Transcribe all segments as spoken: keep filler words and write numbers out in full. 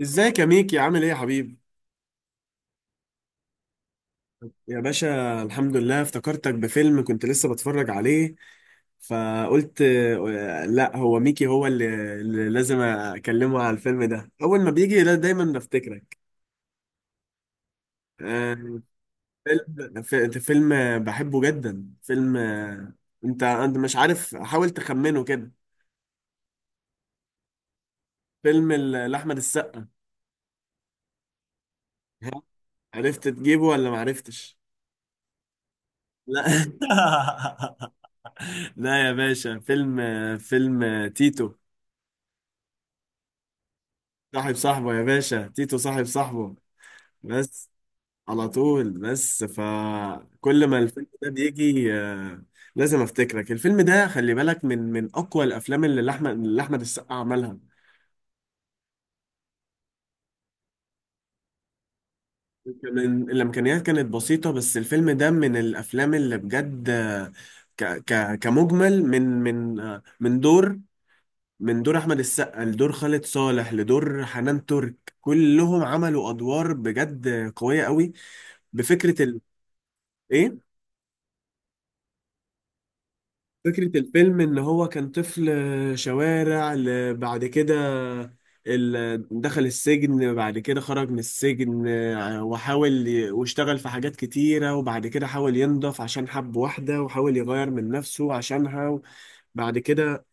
ازيك يا ميكي، عامل ايه يا حبيبي؟ يا باشا، الحمد لله. افتكرتك بفيلم كنت لسه بتفرج عليه. فقلت آه، لا، هو ميكي هو اللي, اللي لازم اكلمه على الفيلم ده اول ما بيجي. لا، دايما بفتكرك. آه، فيلم ف- فيلم بحبه جدا. فيلم آه، انت انت مش عارف، حاول تخمنه كده. فيلم ال- لاحمد السقا. ها؟ عرفت تجيبه ولا ما عرفتش؟ لا. لا يا باشا، فيلم فيلم تيتو. صاحب صاحبه يا باشا، تيتو صاحب صاحبه. بس على طول. بس فكل ما الفيلم ده بيجي آه، لازم افتكرك. الفيلم ده، خلي بالك، من من اقوى الافلام اللي احمد اللي احمد السقا عملها. كمان الامكانيات كانت بسيطه، بس الفيلم ده من الافلام اللي بجد آه، ك ك كمجمل من من آه، من دور من دور احمد السقا لدور خالد صالح لدور حنان ترك. كلهم عملوا ادوار بجد قويه قوي. بفكره ال... ايه، فكرة الفيلم إن هو كان طفل شوارع، ل- بعد كده ال- دخل السجن. بعد كده خرج من السجن آه، وحاول ي- واشتغل في حاجات كتيرة، وبعد كده حاول ينضف عشان حب واحدة، وحاول يغير من نفسه عشانها. بعد كده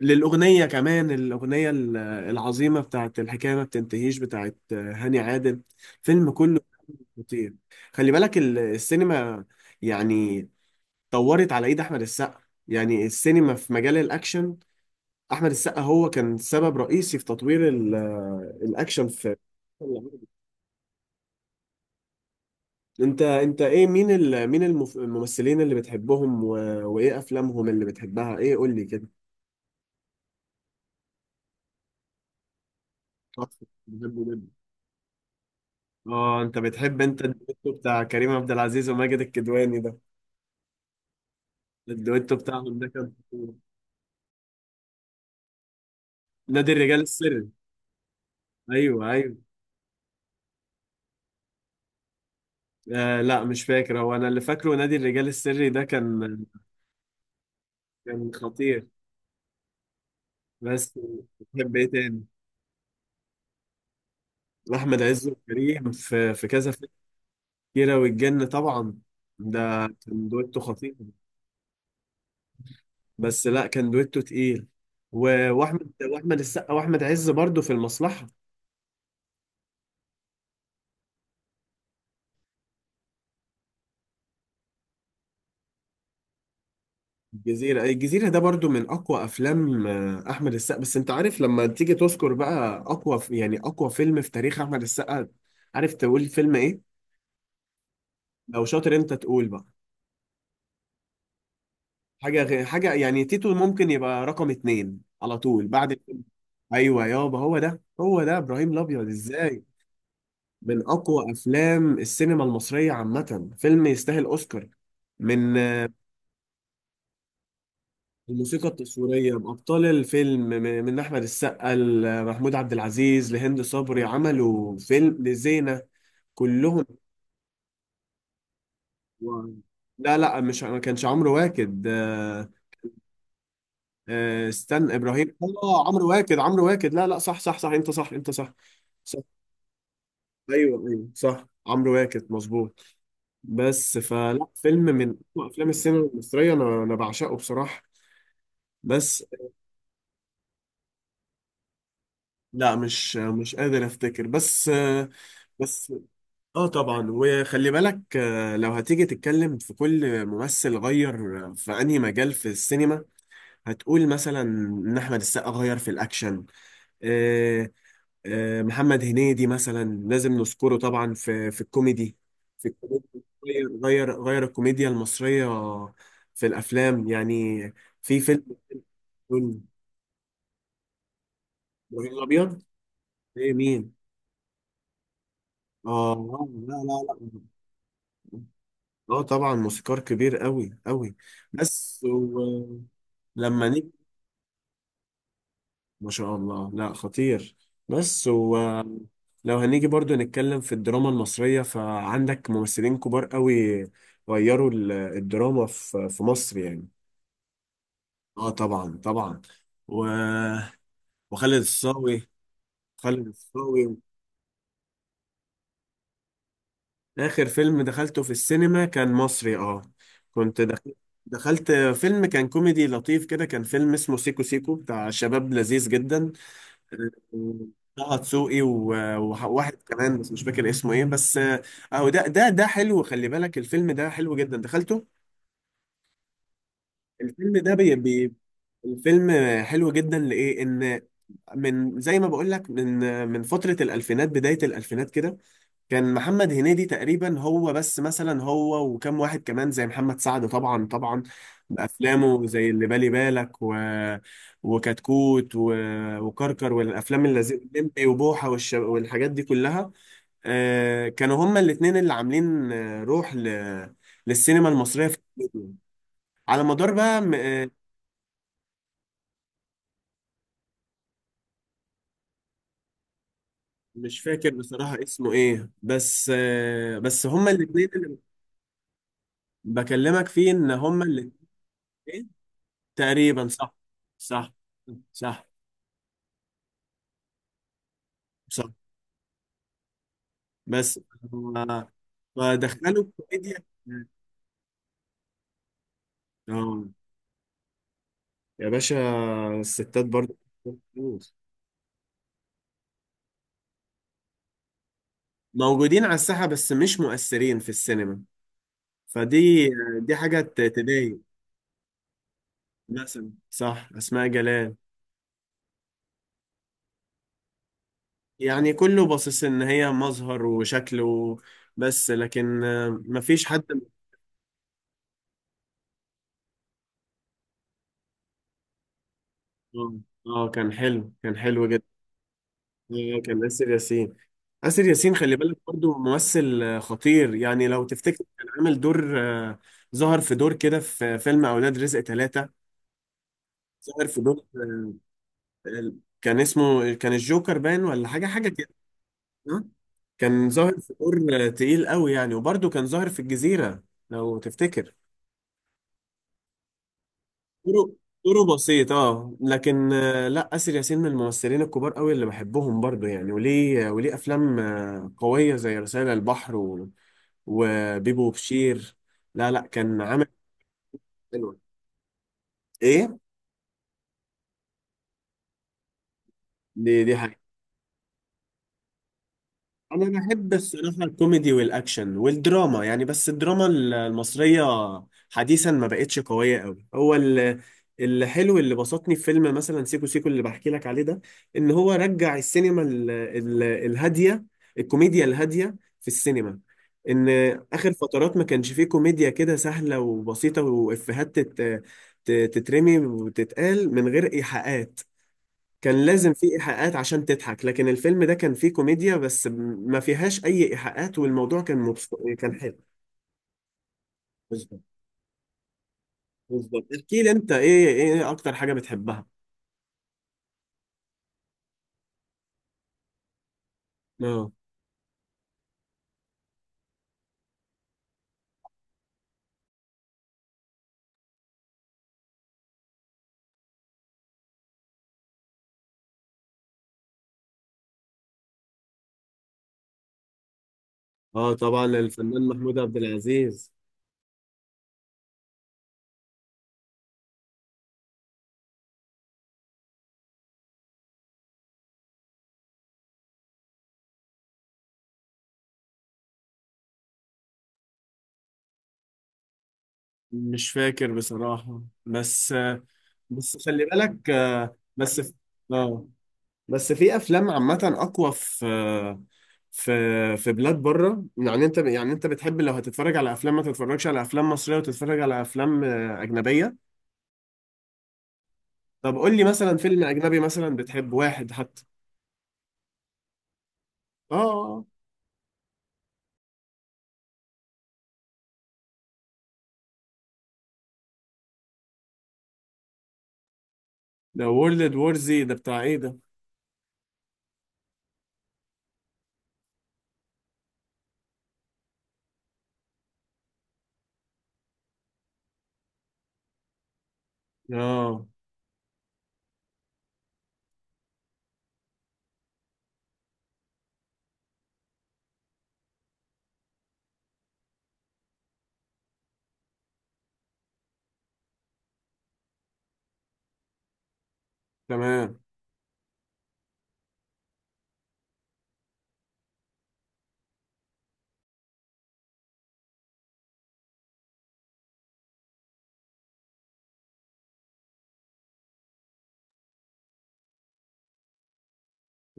للأغنية كمان، الأغنية ال- العظيمة بتاعت الحكاية ما بتنتهيش بتاعت هاني عادل. فيلم كله خطير. خلي بالك ال- السينما يعني طورت على ايد احمد السقا. يعني السينما في مجال الاكشن، احمد السقا هو كان سبب رئيسي في تطوير ال- آه، الاكشن في. انت انت ايه، مين ال... مين المف- الممثلين اللي بتحبهم و... وايه افلامهم اللي بتحبها؟ ايه، قول لي كده. تحفة، بحبه جدا. اه، انت بتحب انت الدويتو بتاع كريم عبد العزيز وماجد الكدواني ده. الدويتو بتاعهم ده كان خطير. نادي الرجال السري. ايوه، ايوه. آه، لا مش فاكر، هو انا اللي فاكره نادي الرجال السري ده كان. كان خطير. بس. بتحب ايه تاني؟ لأحمد عز وكريم في في كذا فيلم. كيرة والجن طبعا، ده كان دويتو خطير. بس لا، كان دويتو تقيل. و- واحمد واحمد السقا واحمد عز برضو في المصلحة. الجزيرة الجزيرة ده برضو من أقوى أفلام آه، أحمد السقا، بس أنت عارف لما تيجي تذكر بقى أقوى، ف- يعني أقوى فيلم في تاريخ أحمد السقا. عارف تقول فيلم إيه؟ لو شاطر أنت تقول بقى. حاجة غير حاجة، يعني تيتو ممكن يبقى رقم اتنين على طول بعد. ايوه يابا، هو ده هو ده ابراهيم الابيض ازاي. من اقوى افلام السينما المصريه عامه، فيلم يستاهل اوسكار. من آه، الموسيقى التصويريه بابطال الفيلم م- من احمد السقا لمحمود عبد العزيز لهند صبري، عملوا فيلم لزينه كلهم. و- لا، لا، مش ما كانش عمرو واكد. آه، آه، استنى ابراهيم. اه، عمرو واكد، عمرو واكد، لا، لا، صح، صح، صح، انت صح، انت صح. صح، ايوه، ايوه، صح عمرو واكد مظبوط. بس، فلا فيلم من أقوى افلام السينما المصريه، انا انا بعشقه بصراحه. بس. لا، مش مش قادر افتكر. بس. بس اه طبعا، وخلي بالك آه، لو هتيجي تتكلم في كل ممثل غير في انهي مجال في السينما، هتقول مثلا ان احمد السقا غير في الاكشن. آه، آه، محمد هنيدي مثلا لازم نذكره طبعا في في الكوميدي. في الكوميدي. غير غير غير الكوميديا المصريه في الافلام يعني، في فيلم. قول، ابراهيم الابيض. ايه، مين؟ اه، آه، لا، لا. لا اه طبعا، موسيقار كبير قوي قوي. بس هو لما نيجي. ما شاء الله، لا، خطير. بس هو، لو هنيجي برضو نتكلم في الدراما المصرية، فعندك ممثلين كبار قوي غيروا ال- الدراما في في مصر يعني. اه طبعا طبعا. و... وخالد الصاوي. خالد الصاوي. آخر فيلم دخلته في السينما كان مصري، اه. كنت دخلت. دخلت فيلم كان كوميدي لطيف كده، كان فيلم اسمه سيكو سيكو بتاع شباب لذيذ جدا. آه، طه دسوقي و- وواحد كمان، بس مش فاكر اسمه ايه. بس اهو ده ده ده حلو، خلي بالك الفيلم ده حلو جدا، دخلته. الفيلم ده بي بي الفيلم حلو جدا لإيه؟ إن، من زي ما بقول لك، من من فترة الألفينات، بداية الألفينات كده، كان محمد هنيدي تقريبا هو بس مثلا، هو وكم واحد كمان زي محمد سعد، طبعا طبعا، بأفلامه زي اللي بالي بالك، و... وكتكوت، و... وكركر والأفلام اللذيذة الليمبي وبوحة والش... والحاجات دي كلها. آه كانوا هما الاتنين اللي عاملين آه، روح ل... للسينما المصرية في الفيديو. على مدار بقى. م... آه، مش فاكر بصراحة اسمه ايه. بس آه بس هما الاتنين اللي بكلمك فيه ان هما الاتنين تقريبا صح. صح، صح، صح. بس هو- فدخلوا الكوميديا. اه يا باشا، الستات برضه موجودين على الساحة، بس مش مؤثرين في السينما. فدي، دي حاجة ت- تضايق. مثلا صح، أسماء جلال. يعني كله باصص إن هي مظهر وشكله. بس لكن آه، مفيش حد. اه، آه، كان حلو، كان حلو جدا. آه، كان آسر ياسين. آسر ياسين، خلي بالك برضو ممثل آه، خطير يعني، لو تفتكر كان عامل دور آه، ظهر في دور كده في فيلم أولاد رزق ثلاثة. ظهر في دور آه، ال- كان اسمه، كان الجوكر باين ولا حاجة حاجة كده. آه؟ كان ظاهر في دور آه، تقيل قوي يعني، وبرضو كان ظاهر في الجزيرة لو تفتكر. دوره دوره بسيط، اه لكن آه، لا آسر ياسين من الممثلين الكبار قوي اللي بحبهم برضو يعني، وليه وليه أفلام آه، قوية زي رسائل البحر وبيبو بشير. لا، لا، كان عامل حلو. ايه، دي دي حاجة. انا بحب الصراحه الكوميدي والاكشن والدراما يعني، بس الدراما ال- المصريه حديثا ما بقتش قويه قوي. هو ال- الحلو اللي بسطني في فيلم مثلا سيكو سيكو اللي بحكي لك عليه ده، ان هو رجع السينما ال ال الهاديه. الكوميديا الهاديه في السينما. ان اخر فترات ما كانش فيه كوميديا كده سهله وبسيطه، وافيهات تت- ت- تترمي وتتقال من غير ايحاءات. كان لازم في إيحاءات عشان تضحك، لكن الفيلم ده كان فيه كوميديا بس، م- ما فيهاش أي إيحاءات، والموضوع كان مبس... كان حلو. بالظبط. بالظبط، احكي لي أنت، إيه إيه أكتر حاجة بتحبها؟ آه. آه طبعا، الفنان محمود عبد العزيز. مش فاكر بصراحة، بس. بس خلي بالك آه، بس. آه بس في افلام عامه اقوى في في في بلاد بره. يعني انت، يعني انت بتحب لو هتتفرج على افلام، ما تتفرجش على افلام مصريه وتتفرج على افلام آه، اجنبيه. طب قول لي مثلا فيلم اجنبي، مثلا بتحب واحد حتى. اه آه. ده وورلد وور زي ده بتاع ايه ده؟ اه، تمام.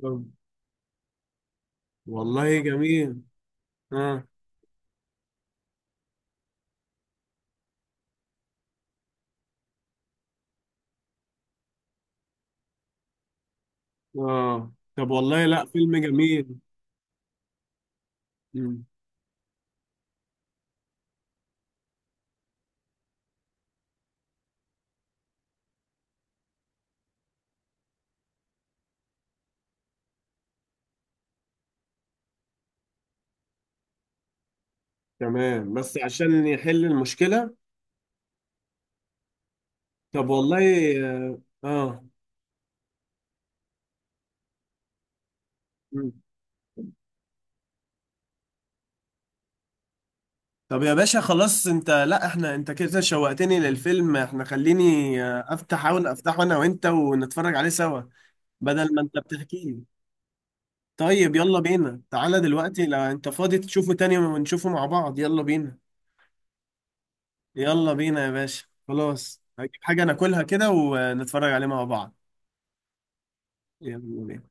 طب والله جميل. اه، اه، طب والله، لا فيلم جميل. مم. تمام، بس عشان يحل المشكله. طب والله. اه آه. طب يا باشا، خلاص انت، لا احنا، انت كده شوقتني للفيلم، احنا، خليني آه، افتح، احاول افتحه انا وانت ونتفرج عليه سوا، بدل ما انت بتحكي لي. طيب، يلا بينا تعالى دلوقتي لو انت فاضي تشوفه تاني ونشوفه مع بعض. يلا بينا. يلا بينا يا باشا، خلاص هجيب حاجة ناكلها كده ونتفرج عليه مع بعض. يلا بينا.